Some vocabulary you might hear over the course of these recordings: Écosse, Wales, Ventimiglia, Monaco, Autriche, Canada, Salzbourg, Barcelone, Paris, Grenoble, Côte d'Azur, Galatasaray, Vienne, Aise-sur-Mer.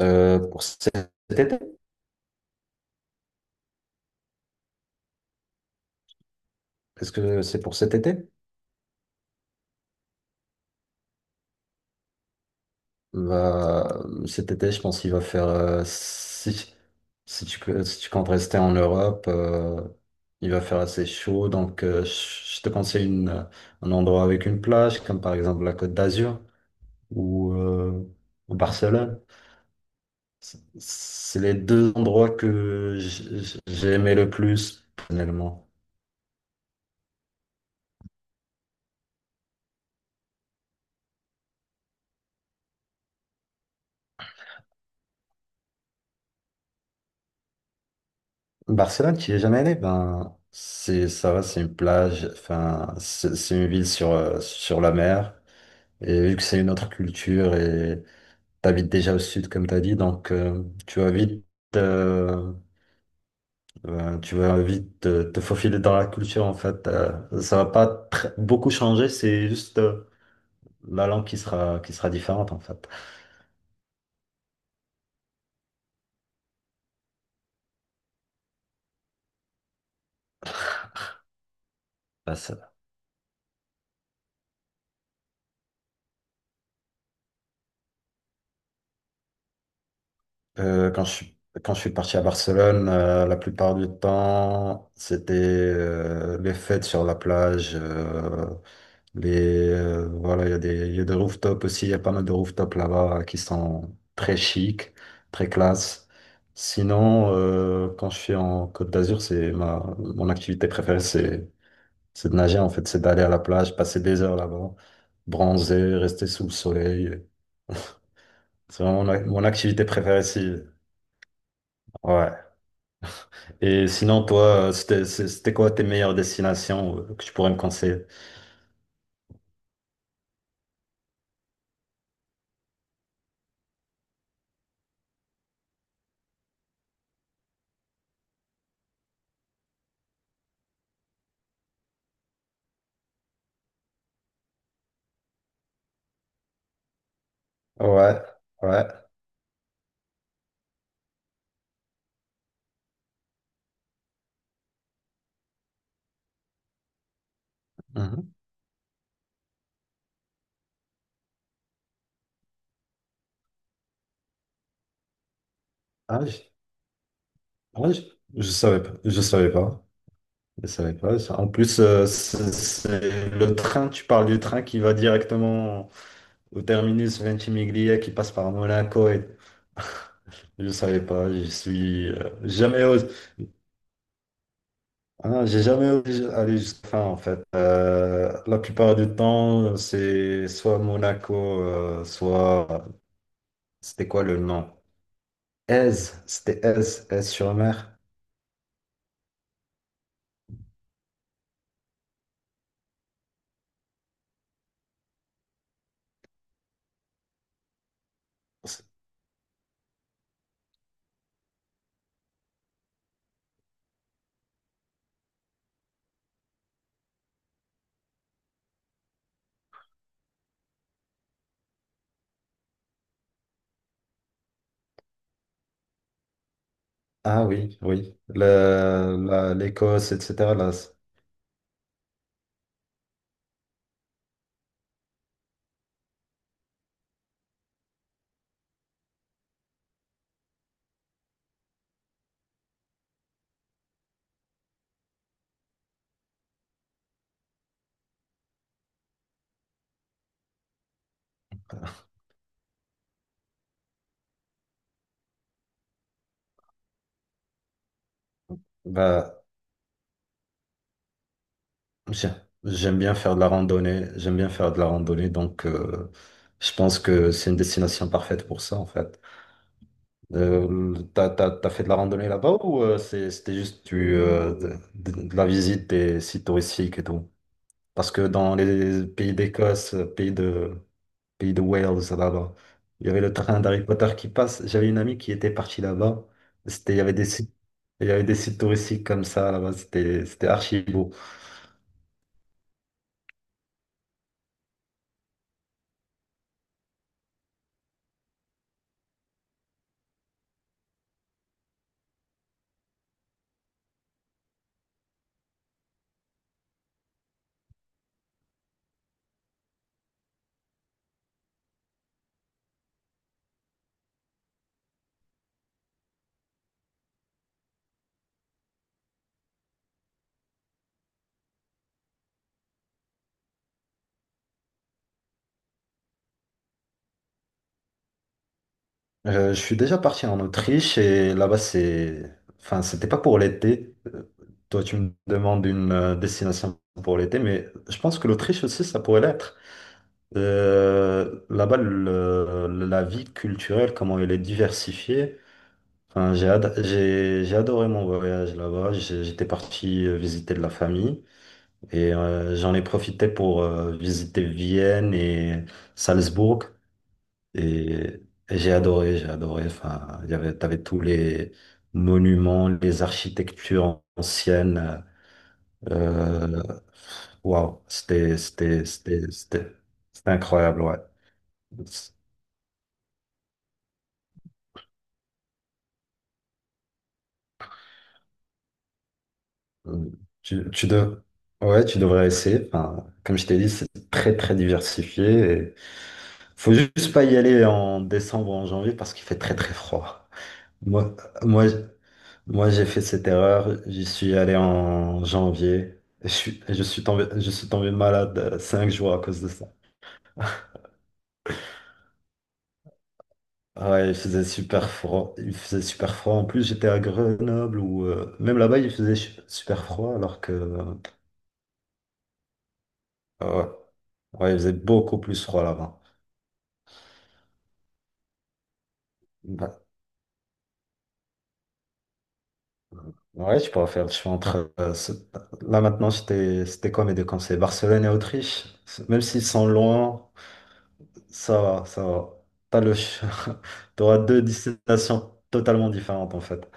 Pour cet été? Est-ce que c'est pour cet été? Va, cet été, je pense qu'il va faire, si, si tu comptes rester en Europe, il va faire assez chaud. Donc, je te conseille une, un endroit avec une plage, comme par exemple la Côte d'Azur ou euh, ou Barcelone. C'est les deux endroits que j'ai aimé le plus, personnellement. Barcelone, tu n'y es jamais allé? Ben, c'est, ça va, c'est une plage, enfin, c'est une ville sur, sur la mer. Et vu que c'est une autre culture et t'habites déjà au sud, comme t'as dit, donc euh, tu vas vite te faufiler dans la culture, en fait. Ça va pas beaucoup changer, c'est juste la langue qui sera différente, en fait. Euh, quand je suis, Quand je suis parti à Barcelone, la plupart du temps, c'était les fêtes sur la plage. Voilà, il y a des, il y a des rooftops aussi. Il y a pas mal de rooftops là-bas qui sont très chics, très classe. Sinon, quand je suis en Côte d'Azur, c'est ma, mon activité préférée, c'est de nager en fait, c'est d'aller à la plage, passer des heures là-bas, bronzer, rester sous le soleil. C'est vraiment mon activité préférée ici. Ouais. Et sinon, toi, c'était quoi tes meilleures destinations que tu pourrais me conseiller? Ouais, ouais. Mhm. Ah, je, ah, je- je savais pas. Je savais pas. Je savais pas. Ça. En plus, c'est le train, tu parles du train qui va directement au terminus Ventimiglia, qui passe par Monaco. Et... Je savais pas. Je suis jamais osé. Ah non, j'ai jamais osé aller jusqu'à la fin en fait. La plupart du temps, c'est soit Monaco, soit c'était quoi le nom? Aise, c'était Aise, Aise-sur-Mer. Ah oui, oui. L'Écosse, etc. Là, bah, j'ai- j'aime bien faire de la randonnée. J'aime bien faire de la randonnée, donc je pense que c'est une destination parfaite pour ça en fait. T'as fait de la randonnée là-bas ou c'était juste de la visite des sites touristiques et tout? Parce que dans les pays d'Écosse, pays de Wales, là-bas, il y avait le train d'Harry Potter qui passe. J'avais une amie qui était partie là-bas. Il y avait des sites, il y avait des sites touristiques comme ça là-bas. C'était archi beau. Je suis déjà parti en Autriche et là-bas, c'est... Enfin, c'était pas pour l'été. Toi, tu me demandes une destination pour l'été, mais je pense que l'Autriche aussi, ça pourrait l'être. Là-bas, la vie culturelle, comment elle est diversifiée. Enfin, j'ai adoré mon voyage là-bas. J'étais parti visiter de la famille et j'en ai profité pour visiter Vienne et Salzbourg. Et et j'ai adoré, j'ai adoré. Enfin, il y avait, t'avais tous les monuments, les architectures anciennes. Euh, Waouh, c'était incroyable, ouais. C'est- Euh, Tu, tu dev- ouais, tu devrais essayer. Enfin, comme je t'ai dit, c'est très, très diversifié. Et faut juste pas y aller en décembre ou en janvier parce qu'il fait très, très froid. Moi, moi, Moi, j'ai fait cette erreur. J'y suis allé en janvier. Je suis tombé malade 5 jours à cause de ça. Ah ouais, il faisait super froid. Il faisait super froid. En plus, j'étais à Grenoble ou même là-bas, super froid alors que ouais, ouais, il faisait beaucoup plus froid là-bas. Bah, ouais, je pourrais faire. Je suis entre là maintenant, c'était quoi mes deux conseils? Barcelone et Autriche. Même s'ils sont loin. Ça va, ça va. T'as le... T'auras deux destinations totalement différentes en fait.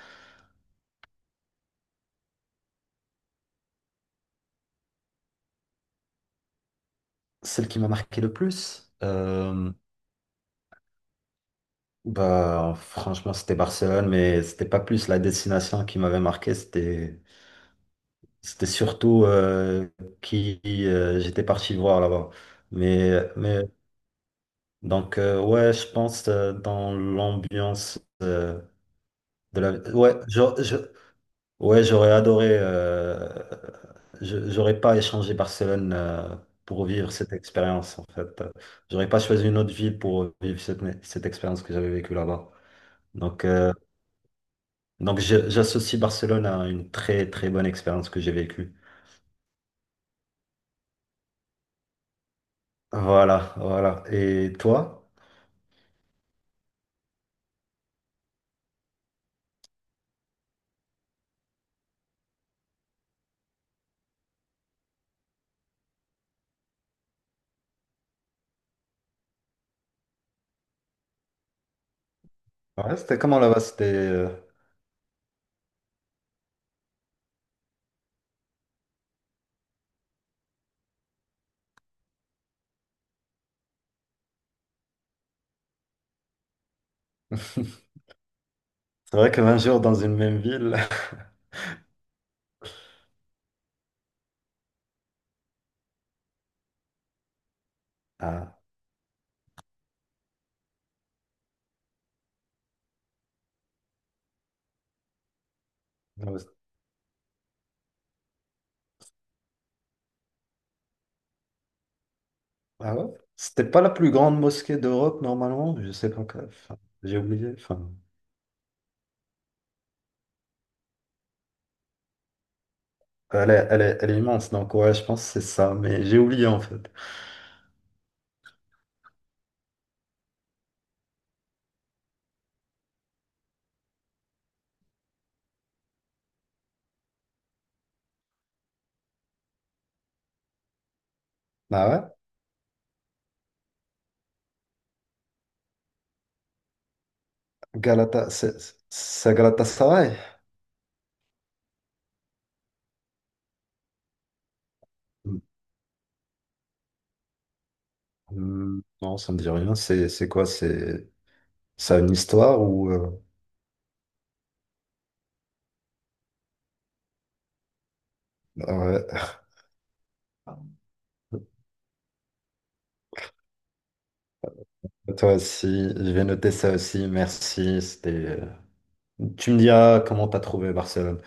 Celle qui m'a marqué le plus, bah franchement c'était Barcelone, mais c'était pas plus la destination qui m'avait marqué, c'était surtout qui j'étais parti voir là-bas. Mais donc ouais, je pense dans l'ambiance de la ouais, genre, je- ouais, j'aurais adoré. J'aurais pas échangé Barcelone pour vivre cette expérience, en fait. J'aurais pas choisi une autre ville pour vivre cette expérience que j'avais vécue là-bas. Donc, j'associe Barcelone à une très très bonne expérience que j'ai vécue. Voilà, voilà. Et toi? Ouais, c'était comment là-bas? C'était. C'est vrai que 20 jours dans une même ville. Ah, ouais. Ah ouais? C'était pas la plus grande mosquée d'Europe normalement, je sais pas. Quoi. Enfin, j'ai oublié. Enfin. Elle est immense, donc ouais, je pense que c'est ça, mais j'ai oublié en fait. Ah ouais? Galata, c'est Galatasaray? Hmm, Non, ça me dit rien. C'est quoi? C'est ça a une histoire ou ouais. Bah, toi aussi, je vais noter ça aussi. Merci. C'était. Tu me diras comment t'as trouvé Barcelone.